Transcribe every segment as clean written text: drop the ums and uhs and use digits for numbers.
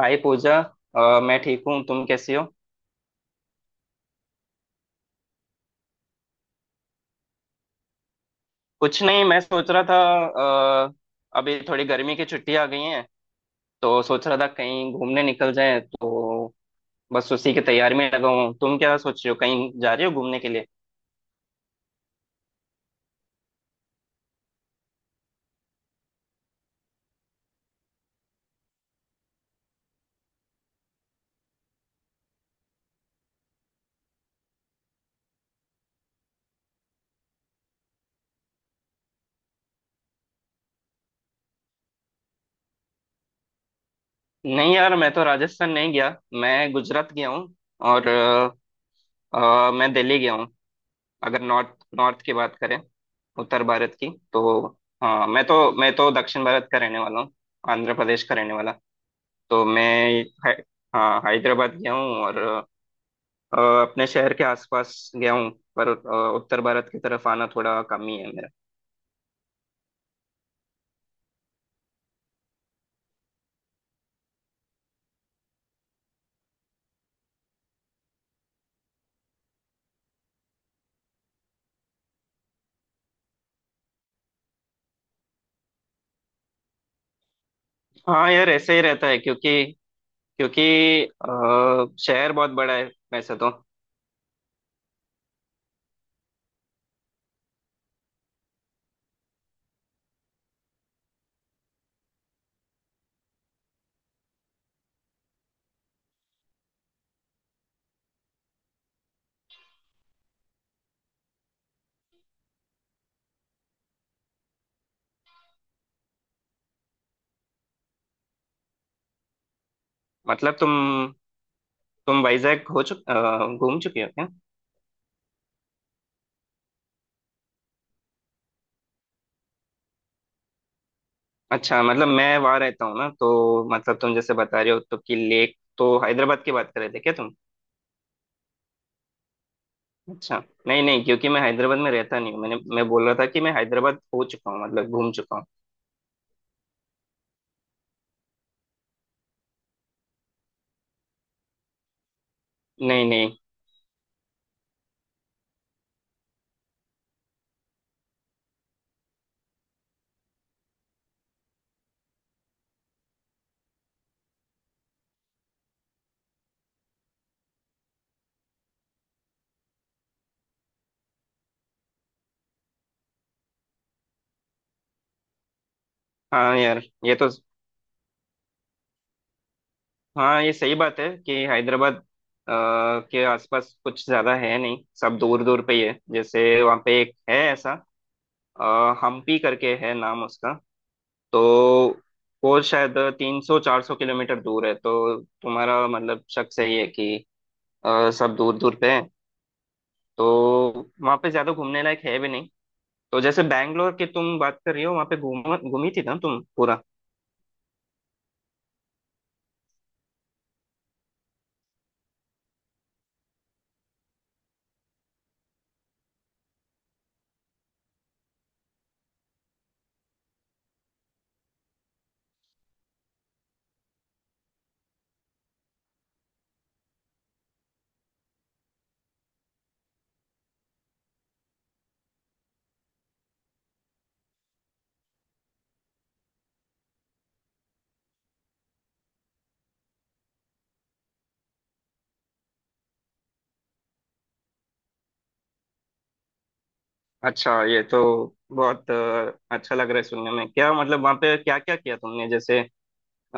हाय पूजा। मैं ठीक हूँ, तुम कैसी हो? कुछ नहीं, मैं सोच रहा था। अ, अभी थोड़ी गर्मी की छुट्टी आ गई है, तो सोच रहा था कहीं घूमने निकल जाए तो। बस उसी की तैयारी में लगा हूँ। तुम क्या सोच रहे हो, कहीं जा रहे हो घूमने के लिए? नहीं यार, मैं तो राजस्थान नहीं गया, मैं गुजरात गया हूँ। और मैं दिल्ली गया हूँ। अगर नॉर्थ नॉर्थ की बात करें, उत्तर भारत की तो। हाँ, मैं तो दक्षिण भारत का रहने वाला हूँ, आंध्र प्रदेश का रहने वाला। तो मैं है, हाँ, हैदराबाद गया हूँ, और अपने शहर के आसपास गया हूँ। पर उत्तर भारत की तरफ आना थोड़ा कम ही है मेरा। हाँ यार ऐसे ही रहता है, क्योंकि क्योंकि शहर बहुत बड़ा है वैसे तो। मतलब तुम वाइजैक घूम चुके हो क्या? अच्छा, मतलब मैं वहाँ रहता हूँ ना, तो मतलब तुम जैसे बता रहे हो, तो कि लेक तो हैदराबाद की बात कर रहे थे क्या तुम? अच्छा। नहीं नहीं, क्योंकि मैं हैदराबाद में रहता नहीं हूँ। मैं बोल रहा था कि मैं हैदराबाद हो चुका हूँ, मतलब घूम चुका हूँ। नहीं नहीं। हाँ यार, ये तो हाँ ये सही बात है कि हैदराबाद के आसपास कुछ ज्यादा है नहीं, सब दूर दूर पे ही है। जैसे वहाँ पे एक है ऐसा, अ, हम्पी करके है नाम उसका। तो वो शायद 300-400 किलोमीटर दूर है। तो तुम्हारा मतलब शक सही है कि सब दूर दूर पे है, तो वहाँ पे ज्यादा घूमने लायक है भी नहीं। तो जैसे बैंगलोर की तुम बात कर रही हो, वहाँ पे घूमी थी ना तुम पूरा? अच्छा, ये तो बहुत अच्छा लग रहा है सुनने में। क्या मतलब वहाँ पे क्या क्या किया तुमने, जैसे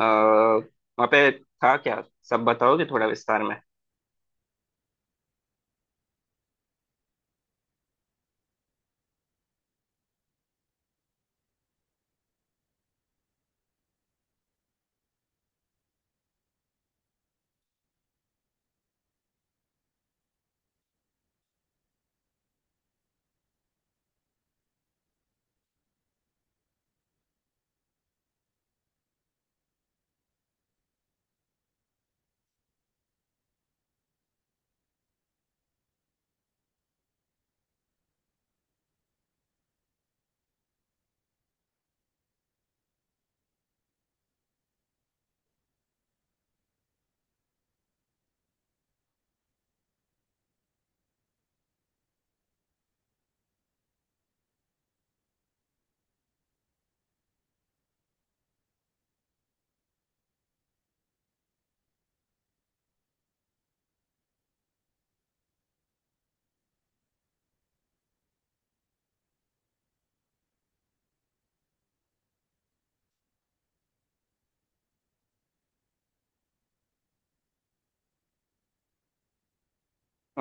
वहाँ पे था क्या, सब बताओगे थोड़ा विस्तार में?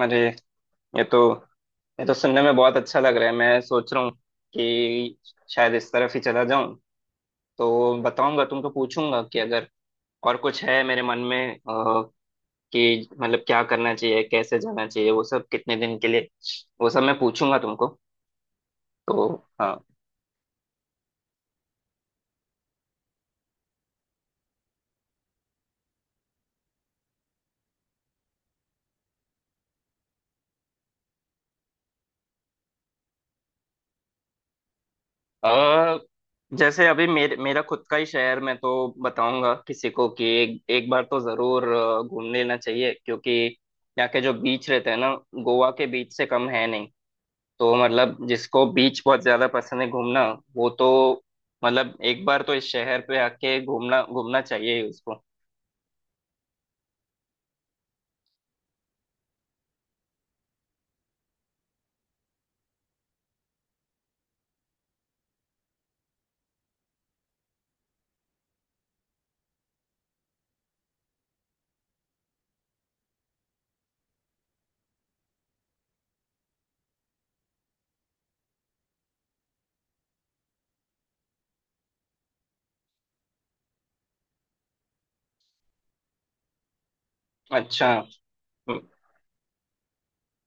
अरे, ये तो ये तो सुनने में बहुत अच्छा लग रहा है। मैं सोच रहा हूँ कि शायद इस तरफ ही चला जाऊं। तो बताऊंगा तुमको, पूछूंगा कि अगर और कुछ है मेरे मन में कि मतलब क्या करना चाहिए, कैसे जाना चाहिए, वो सब कितने दिन के लिए, वो सब मैं पूछूंगा तुमको तो। हाँ। अ जैसे अभी मेरे मेरा खुद का ही शहर मैं तो बताऊंगा किसी को कि एक एक बार तो जरूर घूम लेना चाहिए, क्योंकि यहाँ के जो बीच रहते हैं ना, गोवा के बीच से कम है नहीं। तो मतलब जिसको बीच बहुत ज्यादा पसंद है घूमना, वो तो मतलब एक बार तो इस शहर पे आके घूमना घूमना चाहिए ही उसको। अच्छा। हम्म।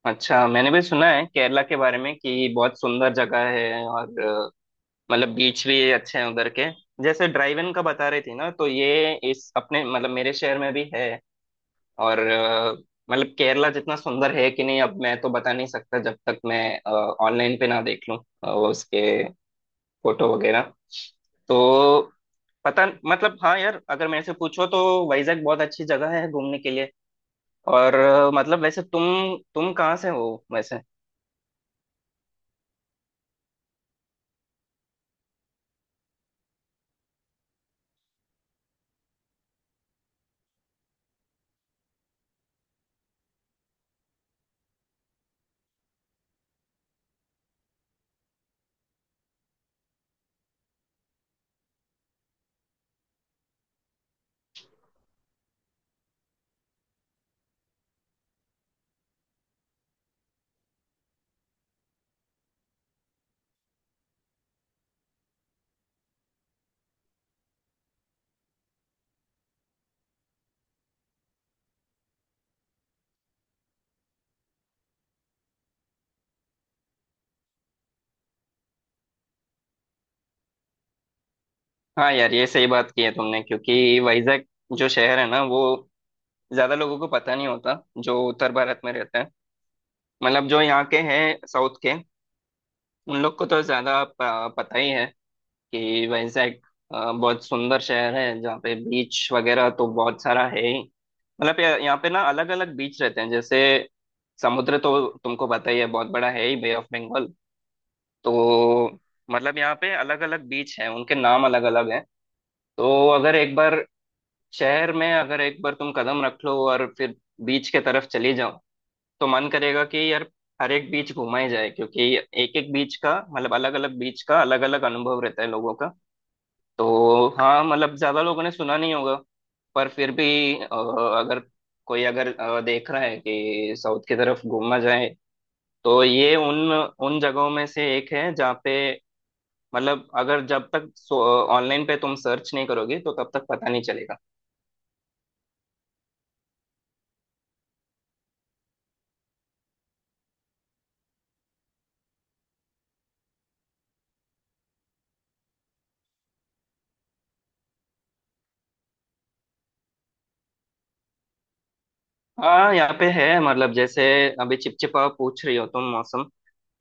अच्छा, मैंने भी सुना है केरला के बारे में कि बहुत सुंदर जगह है, और मतलब बीच भी अच्छे हैं उधर के। जैसे ड्राइव इन का बता रही थी ना, तो ये इस अपने मतलब मेरे शहर में भी है। और मतलब केरला जितना सुंदर है कि नहीं, अब मैं तो बता नहीं सकता जब तक मैं ऑनलाइन पे ना देख लूं उसके फोटो वगैरह। तो पता, मतलब हाँ यार, अगर मेरे से पूछो तो वाइजैक बहुत अच्छी जगह है घूमने के लिए। और मतलब वैसे तुम कहाँ से हो वैसे? हाँ यार, ये सही बात की है तुमने, क्योंकि वाइजैक जो शहर है ना, वो ज्यादा लोगों को पता नहीं होता जो उत्तर भारत में रहते हैं। मतलब जो यहाँ के हैं साउथ के, उन लोग को तो ज्यादा पता ही है कि वैजाग बहुत सुंदर शहर है, जहाँ पे बीच वगैरह तो बहुत सारा है ही। मतलब यहाँ यहाँ पे ना अलग अलग बीच रहते हैं। जैसे समुद्र तो तुमको पता ही है, बहुत बड़ा है ही, बे ऑफ बंगाल। तो मतलब यहाँ पे अलग अलग बीच हैं, उनके नाम अलग अलग हैं। तो अगर एक बार शहर में, अगर एक बार तुम कदम रख लो और फिर बीच के तरफ चली जाओ, तो मन करेगा कि यार हर एक बीच घूमा ही जाए, क्योंकि एक एक बीच का मतलब अलग अलग बीच का अलग अलग अनुभव रहता है लोगों का। तो हाँ, मतलब ज्यादा लोगों ने सुना नहीं होगा, पर फिर भी अ, अगर कोई, अगर देख रहा है कि साउथ की तरफ घूमना जाए, तो ये उन उन जगहों में से एक है जहाँ पे, मतलब अगर जब तक ऑनलाइन पे तुम सर्च नहीं करोगे तो तब तक पता नहीं चलेगा। हाँ यहाँ पे है, मतलब जैसे अभी चिपचिपा पूछ रही हो तुम मौसम,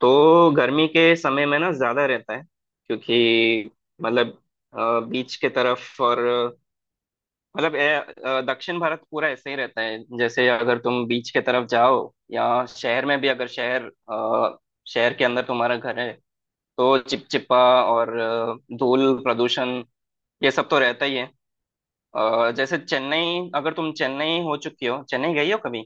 तो गर्मी के समय में ना ज्यादा रहता है, क्योंकि मतलब बीच के तरफ और मतलब ए, दक्षिण भारत पूरा ऐसे ही रहता है। जैसे अगर तुम बीच के तरफ जाओ, या शहर में भी, अगर शहर के अंदर तुम्हारा घर है, तो चिपचिपा और धूल, प्रदूषण, ये सब तो रहता ही है। जैसे चेन्नई, अगर तुम चेन्नई हो चुकी हो, चेन्नई गई हो कभी?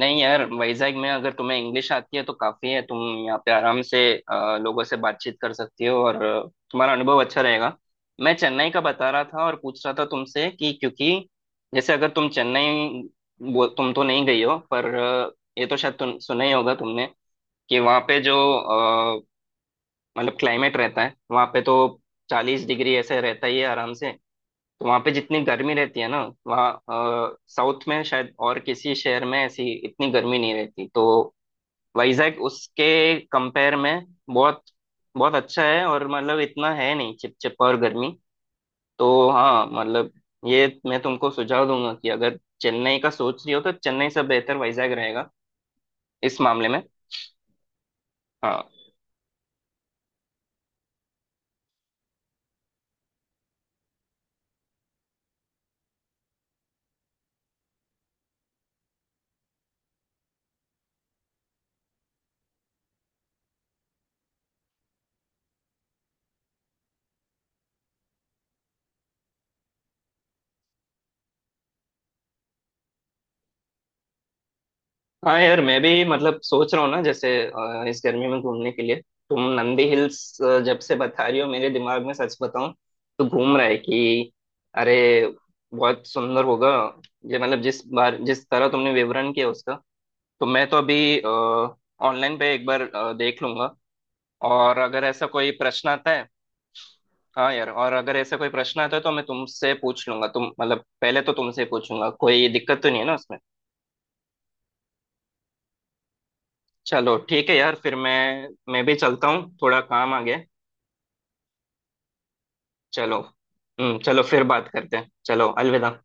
नहीं यार, वैजाग में अगर तुम्हें इंग्लिश आती है तो काफी है, तुम यहाँ पे आराम से लोगों से बातचीत कर सकती हो और तुम्हारा अनुभव अच्छा रहेगा। मैं चेन्नई का बता रहा था और पूछ रहा था तुमसे कि, क्योंकि जैसे अगर तुम चेन्नई, वो तुम तो नहीं गई हो, पर ये तो शायद तुम सुना ही होगा तुमने कि वहाँ पे जो अ, मतलब क्लाइमेट रहता है वहाँ पे तो 40 डिग्री ऐसे रहता ही है आराम से। तो वहाँ पे जितनी गर्मी रहती है ना, वहाँ साउथ में शायद और किसी शहर में ऐसी इतनी गर्मी नहीं रहती। तो वाइजैक उसके कंपेयर में बहुत बहुत अच्छा है, और मतलब इतना है नहीं चिपचिप और गर्मी। तो हाँ मतलब, ये मैं तुमको सुझाव दूंगा कि अगर चेन्नई का सोच रही हो तो चेन्नई से बेहतर वाइजैक रहेगा इस मामले में। हाँ। हाँ यार, मैं भी मतलब सोच रहा हूँ ना, जैसे इस गर्मी में घूमने के लिए, तुम नंदी हिल्स जब से बता रही हो, मेरे दिमाग में सच बताऊं तो घूम रहा है कि अरे, बहुत सुंदर होगा ये, मतलब जिस बार जिस तरह तुमने विवरण किया उसका। तो मैं तो अभी ऑनलाइन पे एक बार देख लूंगा, और अगर ऐसा कोई प्रश्न आता है, हाँ यार, और अगर ऐसा कोई प्रश्न आता है तो मैं तुमसे पूछ लूंगा। तुम मतलब पहले तो तुमसे पूछूंगा, कोई दिक्कत तो नहीं है ना उसमें? चलो ठीक है यार फिर। मैं भी चलता हूँ, थोड़ा काम आ गया। चलो। हम्म, चलो फिर बात करते हैं, चलो अलविदा।